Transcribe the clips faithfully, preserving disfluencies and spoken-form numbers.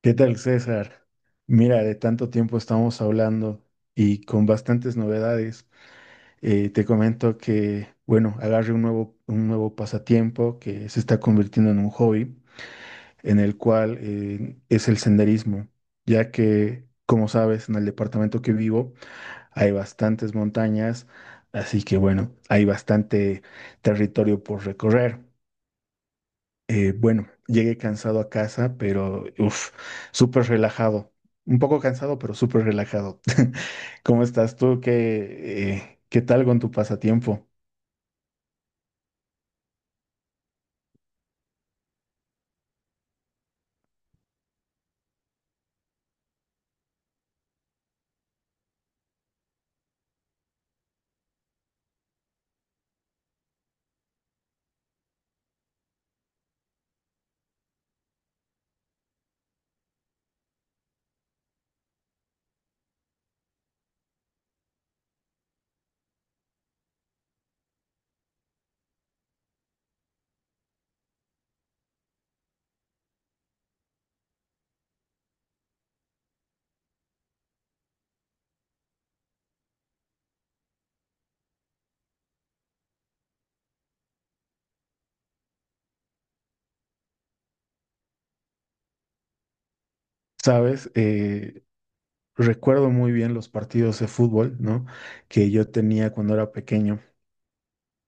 ¿Qué tal, César? Mira, de tanto tiempo estamos hablando y con bastantes novedades. Eh, te comento que, bueno, agarré un nuevo, un nuevo pasatiempo que se está convirtiendo en un hobby, en el cual eh, es el senderismo, ya que, como sabes, en el departamento que vivo hay bastantes montañas, así que, bueno, hay bastante territorio por recorrer. Eh, bueno, llegué cansado a casa, pero uff, súper relajado. Un poco cansado, pero súper relajado. ¿Cómo estás tú? ¿Qué, eh, Qué tal con tu pasatiempo? Sabes, eh, recuerdo muy bien los partidos de fútbol, ¿no? Que yo tenía cuando era pequeño.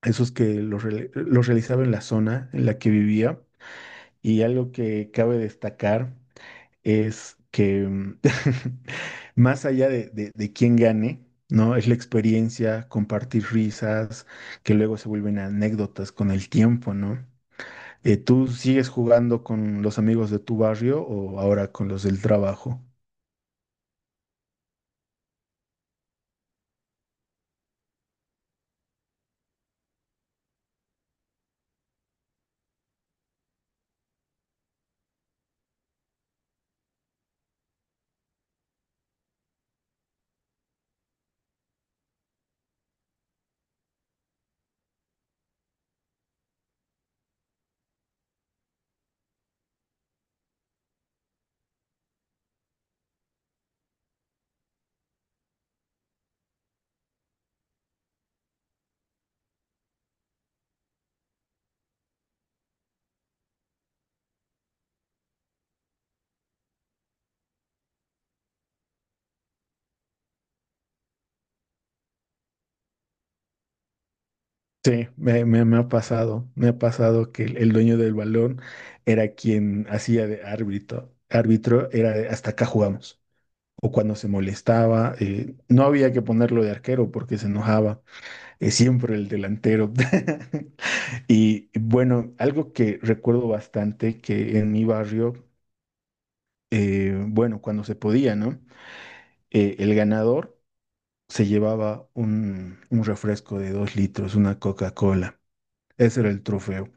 Esos que los, reali- los realizaba en la zona en la que vivía. Y algo que cabe destacar es que mm, más allá de, de, de quién gane, ¿no? Es la experiencia, compartir risas, que luego se vuelven anécdotas con el tiempo, ¿no? Eh, ¿tú sigues jugando con los amigos de tu barrio o ahora con los del trabajo? Sí, me, me- me ha pasado, me ha pasado que el, el dueño del balón era quien hacía de árbitro, árbitro era de, hasta acá jugamos. O cuando se molestaba, eh, no había que ponerlo de arquero porque se enojaba. Es siempre el delantero. Y bueno, algo que recuerdo bastante que en mi barrio, eh, bueno, cuando se podía, ¿no? Eh, el ganador se llevaba un, un refresco de dos litros, una Coca-Cola. Ese era el trofeo.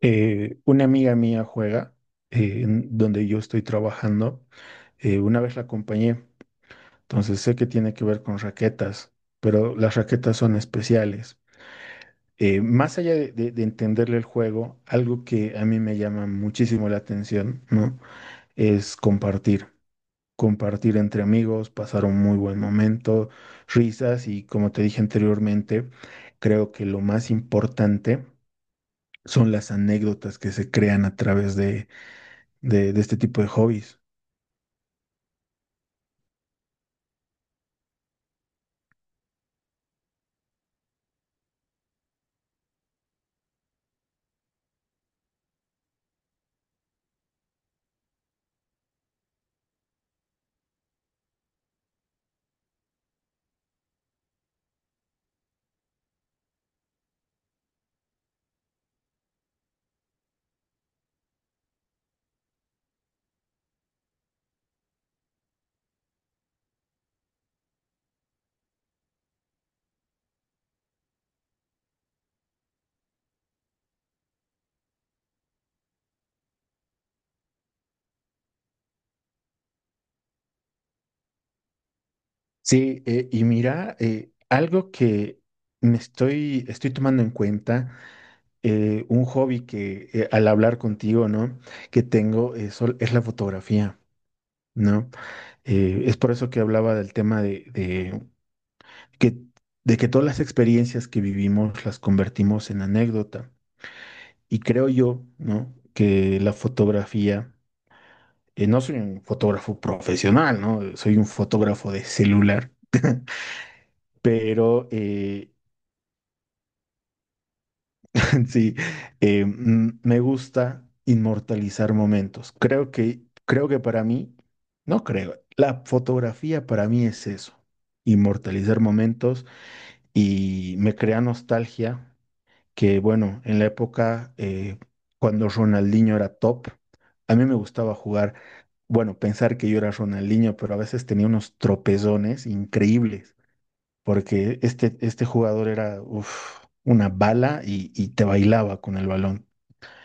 Eh, una amiga mía juega, eh, en donde yo estoy trabajando. Eh, una vez la acompañé, entonces sé que tiene que ver con raquetas, pero las raquetas son especiales. Eh, más allá de, de- de entenderle el juego, algo que a mí me llama muchísimo la atención, ¿no? Es compartir, compartir entre amigos, pasar un muy buen momento, risas y como te dije anteriormente, creo que lo más importante son las anécdotas que se crean a través de, de- de este tipo de hobbies. Sí, eh, y mira, eh, algo que me estoy, estoy tomando en cuenta. Eh, un hobby que eh, al hablar contigo, ¿no? Que tengo eh, sol- es la fotografía, ¿no? Eh, es por eso que hablaba del tema de, de que, de que todas las experiencias que vivimos las convertimos en anécdota. Y creo yo, ¿no? Que la fotografía, eh, no soy un fotógrafo profesional, ¿no? Soy un fotógrafo de celular, pero eh, sí, eh, mm, me gusta inmortalizar momentos. Creo que, creo que para mí, no creo, la fotografía para mí es eso, inmortalizar momentos y me crea nostalgia que, bueno, en la época eh, cuando Ronaldinho era top, a mí me gustaba jugar, bueno, pensar que yo era Ronaldinho, pero a veces tenía unos tropezones increíbles porque este, este jugador era uf, una bala y, y te bailaba con el balón.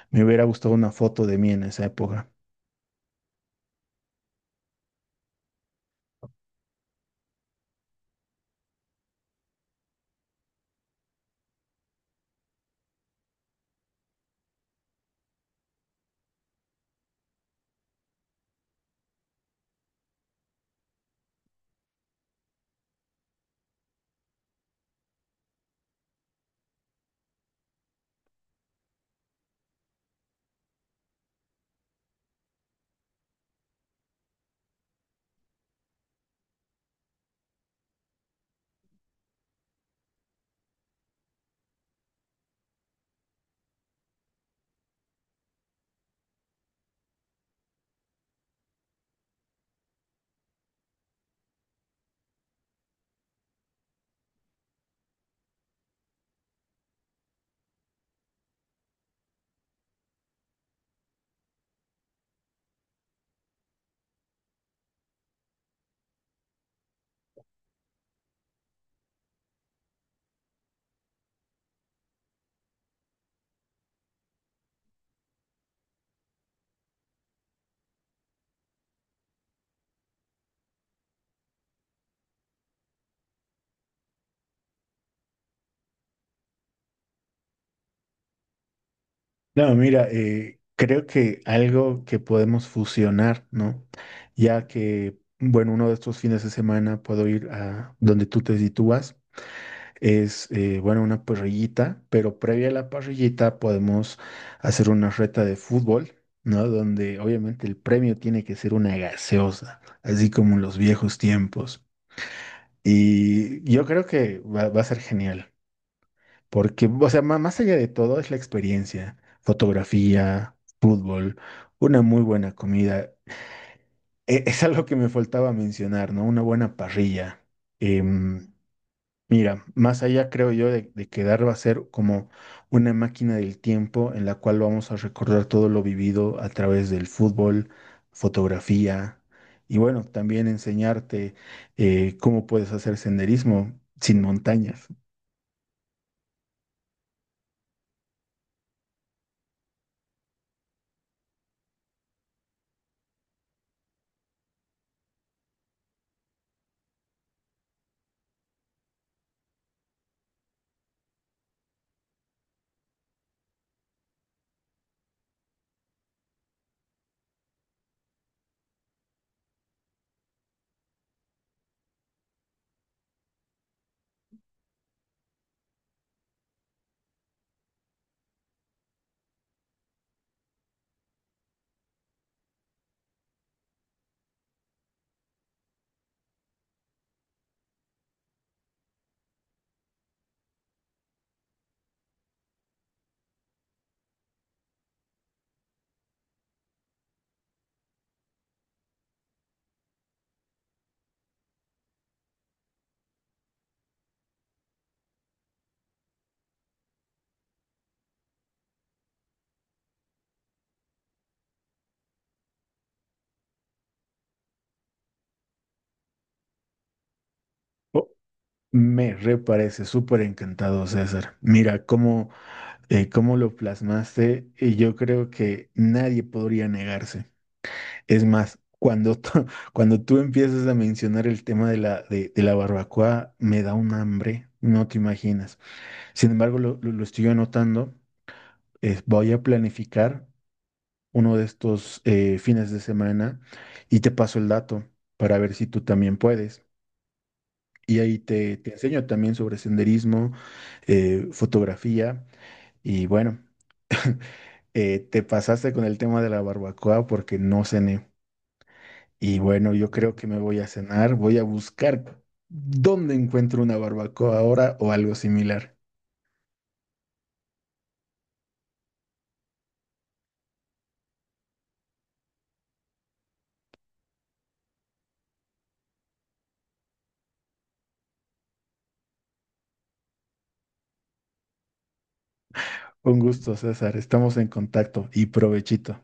Me hubiera gustado una foto de mí en esa época. No, mira, eh, creo que algo que podemos fusionar, ¿no? Ya que, bueno, uno de estos fines de semana puedo ir a donde tú te sitúas, es, eh, bueno, una parrillita, pero previa a la parrillita podemos hacer una reta de fútbol, ¿no? Donde obviamente el premio tiene que ser una gaseosa así como en los viejos tiempos. Y yo creo que va, va a ser genial, porque, o sea, ma- más allá de todo es la experiencia, fotografía, fútbol, una muy buena comida. E- Es algo que me faltaba mencionar, ¿no? Una buena parrilla. em, Mira, más allá creo yo de, de quedar va a ser como una máquina del tiempo en la cual vamos a recordar todo lo vivido a través del fútbol, fotografía y bueno, también enseñarte eh, cómo puedes hacer senderismo sin montañas. Oh, me reparece súper encantado, César. Mira cómo, eh, cómo lo plasmaste y yo creo que nadie podría negarse. Es más, cuando, tú- cuando tú empiezas a mencionar el tema de la, de, de la barbacoa, me da un hambre, no te imaginas. Sin embargo, lo, lo- lo estoy anotando, es, voy a planificar uno de estos eh, fines de semana y te paso el dato para ver si tú también puedes. Y ahí te, te enseño también sobre senderismo, eh, fotografía y bueno, eh, te pasaste con el tema de la barbacoa porque no cené. Y bueno, yo creo que me voy a cenar, voy a buscar dónde encuentro una barbacoa ahora o algo similar. Un gusto, César, estamos en contacto y provechito.